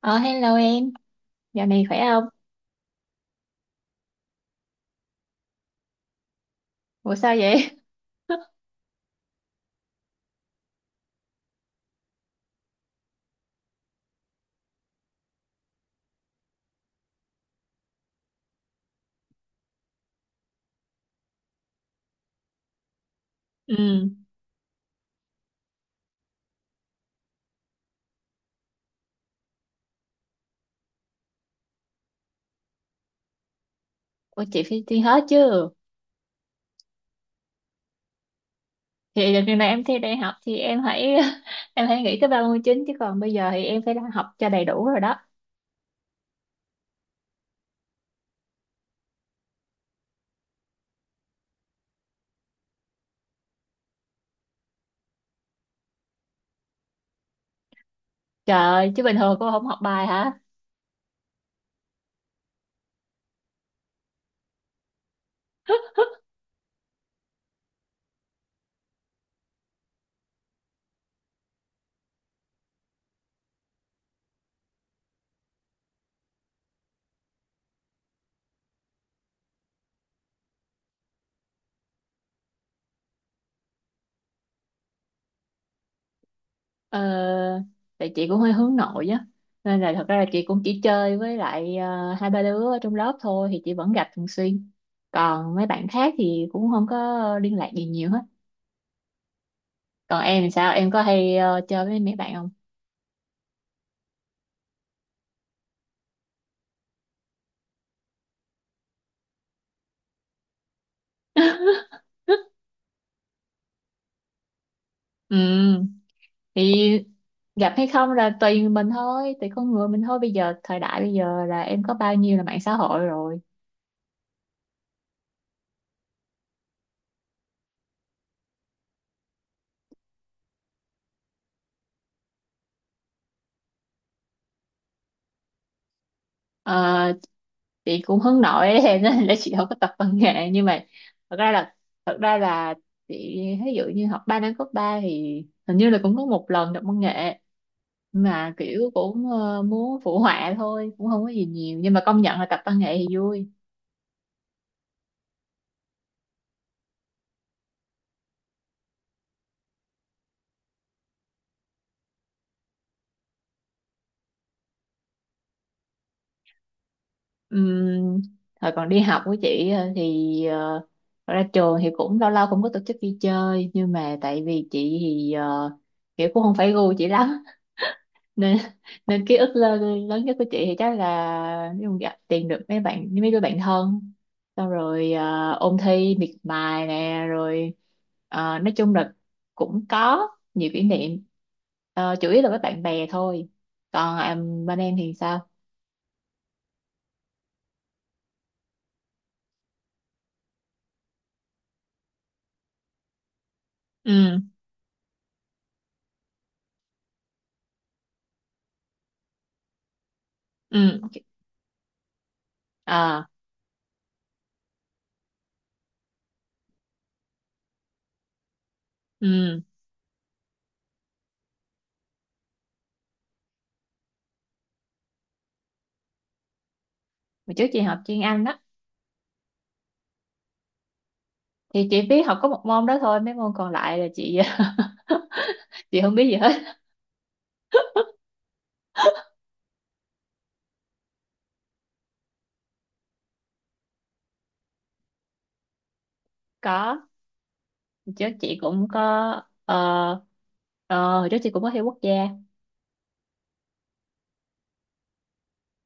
Ờ hello em, dạo này khỏe không? Ủa sao vậy? Ừ, ủa chị phải đi hết chứ. Thì đợt này em thi đại học thì em hãy em hãy nghĩ tới 39 chứ còn bây giờ thì em phải học cho đầy đủ rồi đó. Trời ơi, chứ bình thường cô không học bài hả? Ờ, tại chị cũng hơi hướng nội á. Nên là thật ra là chị cũng chỉ chơi với lại hai ba đứa ở trong lớp thôi thì chị vẫn gặp thường xuyên. Còn mấy bạn khác thì cũng không có liên lạc gì nhiều hết. Còn em thì sao? Em có hay chơi với mấy bạn không? Ừ, thì gặp hay không là tùy mình thôi, tùy con người mình thôi. Bây giờ thời đại bây giờ là em có bao nhiêu là mạng xã hội rồi. Ờ, chị cũng hướng nội ấy, em nên là chị không có tập văn nghệ nhưng mà thật ra là thật ra là chị ví dụ như học 3 năm cấp ba thì hình như là cũng có một lần tập văn nghệ, mà kiểu cũng muốn phụ họa thôi cũng không có gì nhiều, nhưng mà công nhận là tập văn nghệ thì vui. Ừm, Thời còn đi học của chị ra trường thì cũng lâu lâu cũng có tổ chức đi chơi, nhưng mà tại vì chị thì kiểu cũng không phải gu chị lắm nên nên ký ức lớn nhất của chị thì chắc là ví dụ gặp tìm được mấy bạn, mấy đứa bạn thân, xong rồi ôn thi miệt mài nè rồi nói chung là cũng có nhiều kỷ niệm. Chủ yếu là với bạn bè thôi, còn à, bên em thì sao? Ừ. Ừ. Ừ, hồi trước chị học chuyên Anh đó thì chị biết học có một môn đó thôi, mấy môn còn lại là chị chị không biết gì hết. Có, hồi trước chị cũng có ờ ờ, hồi trước chị cũng có thi quốc gia.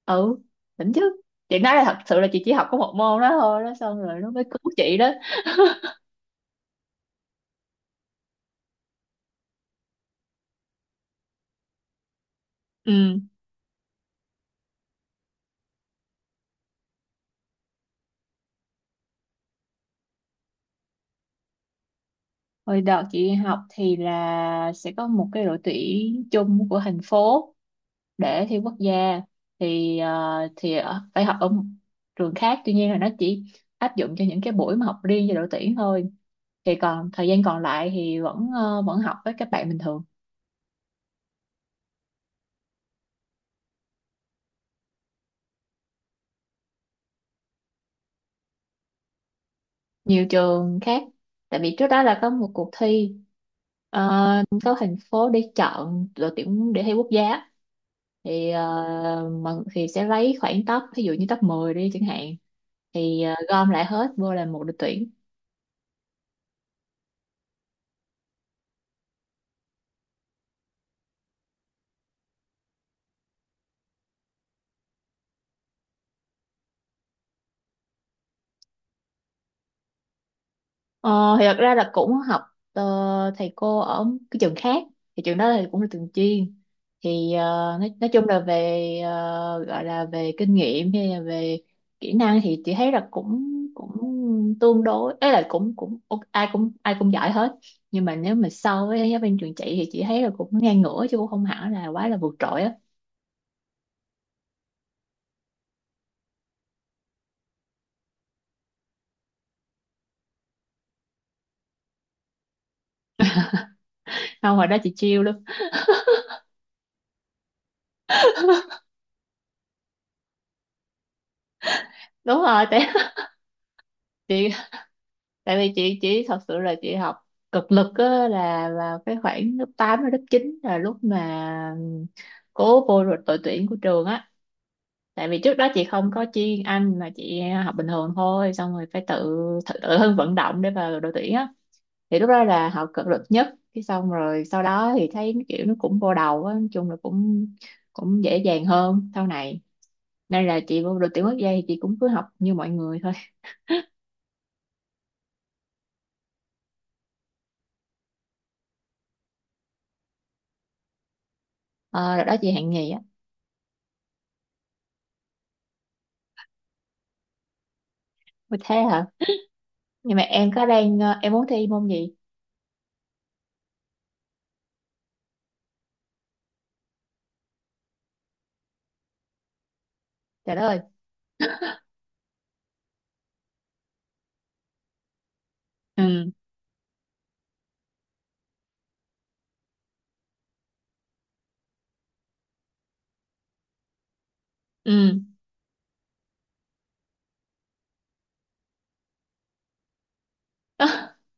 Ừ, đỉnh chứ. Chị nói là thật sự là chị chỉ học có một môn đó thôi đó, xong rồi nó mới cứu chị đó. Ừ, hồi đợt chị học thì là sẽ có một cái đội tuyển chung của thành phố để thi quốc gia thì phải học ở một trường khác, tuy nhiên là nó chỉ áp dụng cho những cái buổi mà học riêng cho đội tuyển thôi, thì còn thời gian còn lại thì vẫn học với các bạn bình thường. Nhiều trường khác, tại vì trước đó là có một cuộc thi ờ, có thành phố để chọn đội tuyển để thi quốc gia, thì mà thì sẽ lấy khoảng top, ví dụ như top 10 đi chẳng hạn, thì gom lại hết vô là một đội tuyển. Ờ, thì thật ra là cũng học thầy cô ở cái trường khác, thì trường đó thì cũng là trường chuyên, thì nói chung là về gọi là về kinh nghiệm hay là về kỹ năng thì chị thấy là cũng cũng tương đối ấy, là cũng cũng ok, ai cũng giỏi hết, nhưng mà nếu mà so với giáo viên trường chị thì chị thấy là cũng ngang ngửa chứ cũng không hẳn là quá là vượt trội á. Không, hồi đó chị chill lắm. Đúng rồi tại chị tại vì chị chỉ thật sự là chị học cực lực á, là vào cái khoảng lớp 8 đến lớp 9 là lúc mà cố vô rồi đội tuyển của trường á. Tại vì trước đó chị không có chuyên Anh mà chị học bình thường thôi, xong rồi phải tự tự thân vận động để vào đội tuyển á, thì lúc đó là học cực lực nhất cái xong rồi sau đó thì thấy kiểu nó cũng vô đầu á, nói chung là cũng cũng dễ dàng hơn sau này, nên là chị vô đội tuyển quốc gia thì chị cũng cứ học như mọi người thôi. Ờ, rồi đó chị hạng nhì á. Ôi, thế hả, nhưng mà em muốn thi môn gì. Trời đất ơi. Ừ. Ừ.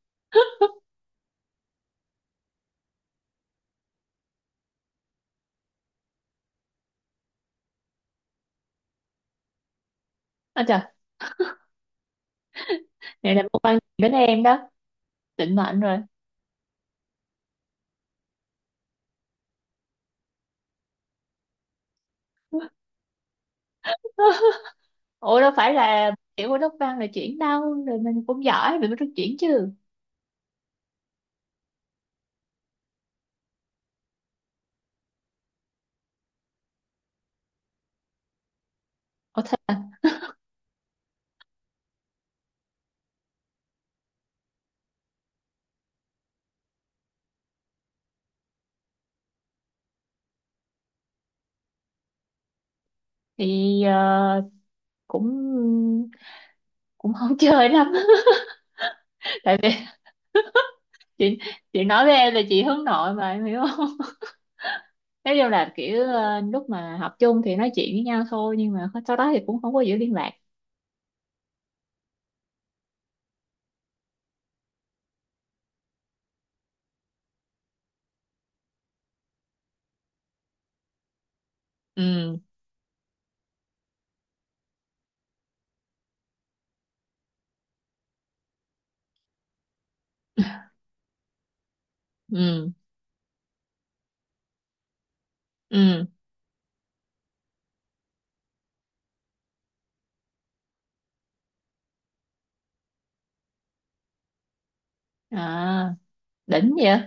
Ôi trời, này là môn văn đến em đó, định mệnh rồi. Ủa đâu phải là, kiểu của lớp văn là chuyển đâu, rồi mình cũng giỏi mình mới được chuyển chứ. Ủa thế à? Thì cũng cũng không chơi lắm. Tại vì chị chị nói với em là chị hướng nội mà, em hiểu không. Nói chung là kiểu lúc mà học chung thì nói chuyện với nhau thôi, nhưng mà sau đó thì cũng không có giữ liên lạc. Ừ. Ừ. Ừ. À, đỉnh vậy.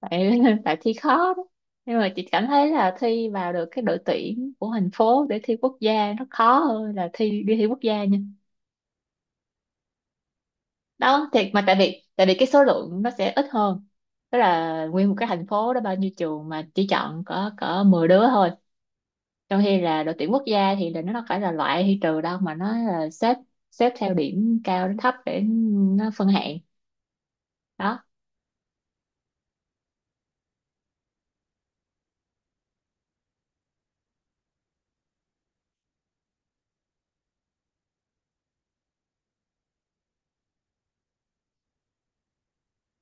Tại tại thi khó đó. Nhưng mà chị cảm thấy là thi vào được cái đội tuyển của thành phố để thi quốc gia nó khó hơn là thi đi thi quốc gia nha. Đó thiệt mà, tại vì cái số lượng nó sẽ ít hơn, tức là nguyên một cái thành phố đó bao nhiêu trường mà chỉ chọn có 10 đứa thôi, trong khi là đội tuyển quốc gia thì là nó đâu phải là loại hay trừ đâu, mà nó là xếp xếp theo điểm cao đến thấp để nó phân hạng đó.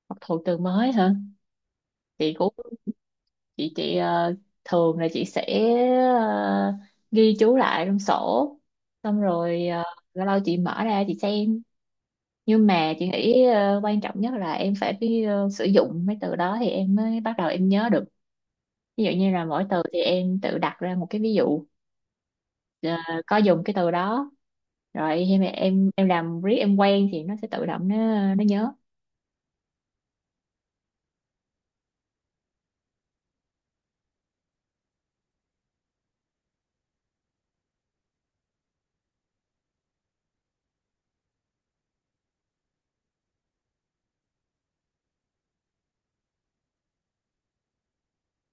Học thuộc từ mới hả? Chị cũng chị chị ờ, thường là chị sẽ ờ, ghi chú lại trong sổ, xong rồi lâu lâu chị mở ra chị xem, nhưng mà chị nghĩ quan trọng nhất là em phải biết sử dụng mấy từ đó thì em mới bắt đầu em nhớ được. Ví dụ như là mỗi từ thì em tự đặt ra một cái ví dụ ờ, có dùng cái từ đó, rồi khi mà em làm riết em quen thì nó sẽ tự động nó nhớ.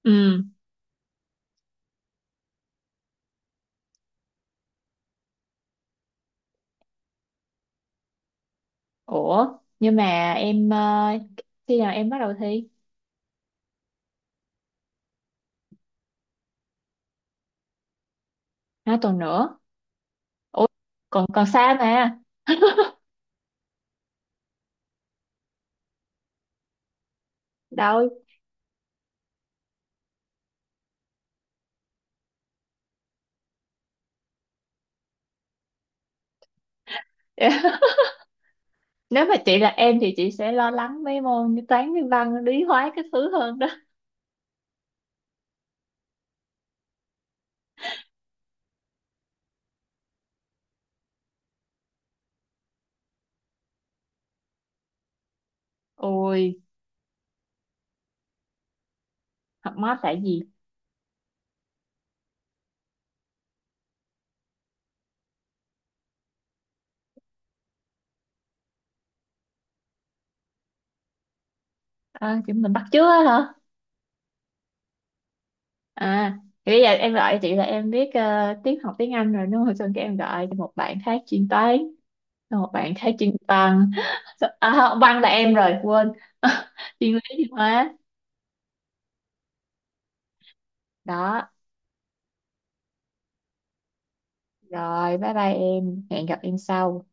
Ừ, ủa nhưng mà em khi nào em bắt đầu thi? Nó tuần nữa. Ủa, còn còn xa mà. Đâu. Nếu mà chị là em thì chị sẽ lo lắng mấy môn như toán với văn lý hóa cái thứ hơn đó. Ôi học mát tại gì? À, chị mình bắt chước á hả? À, thì bây giờ em gọi chị là em biết tiếng, học tiếng Anh rồi đúng không, xong cái em gọi một bạn khác chuyên toán, xong một bạn khác chuyên văn. À, không, văn là em rồi, quên. Chuyên lý chuyên hóa. Đó, rồi bye bye em, hẹn gặp em sau.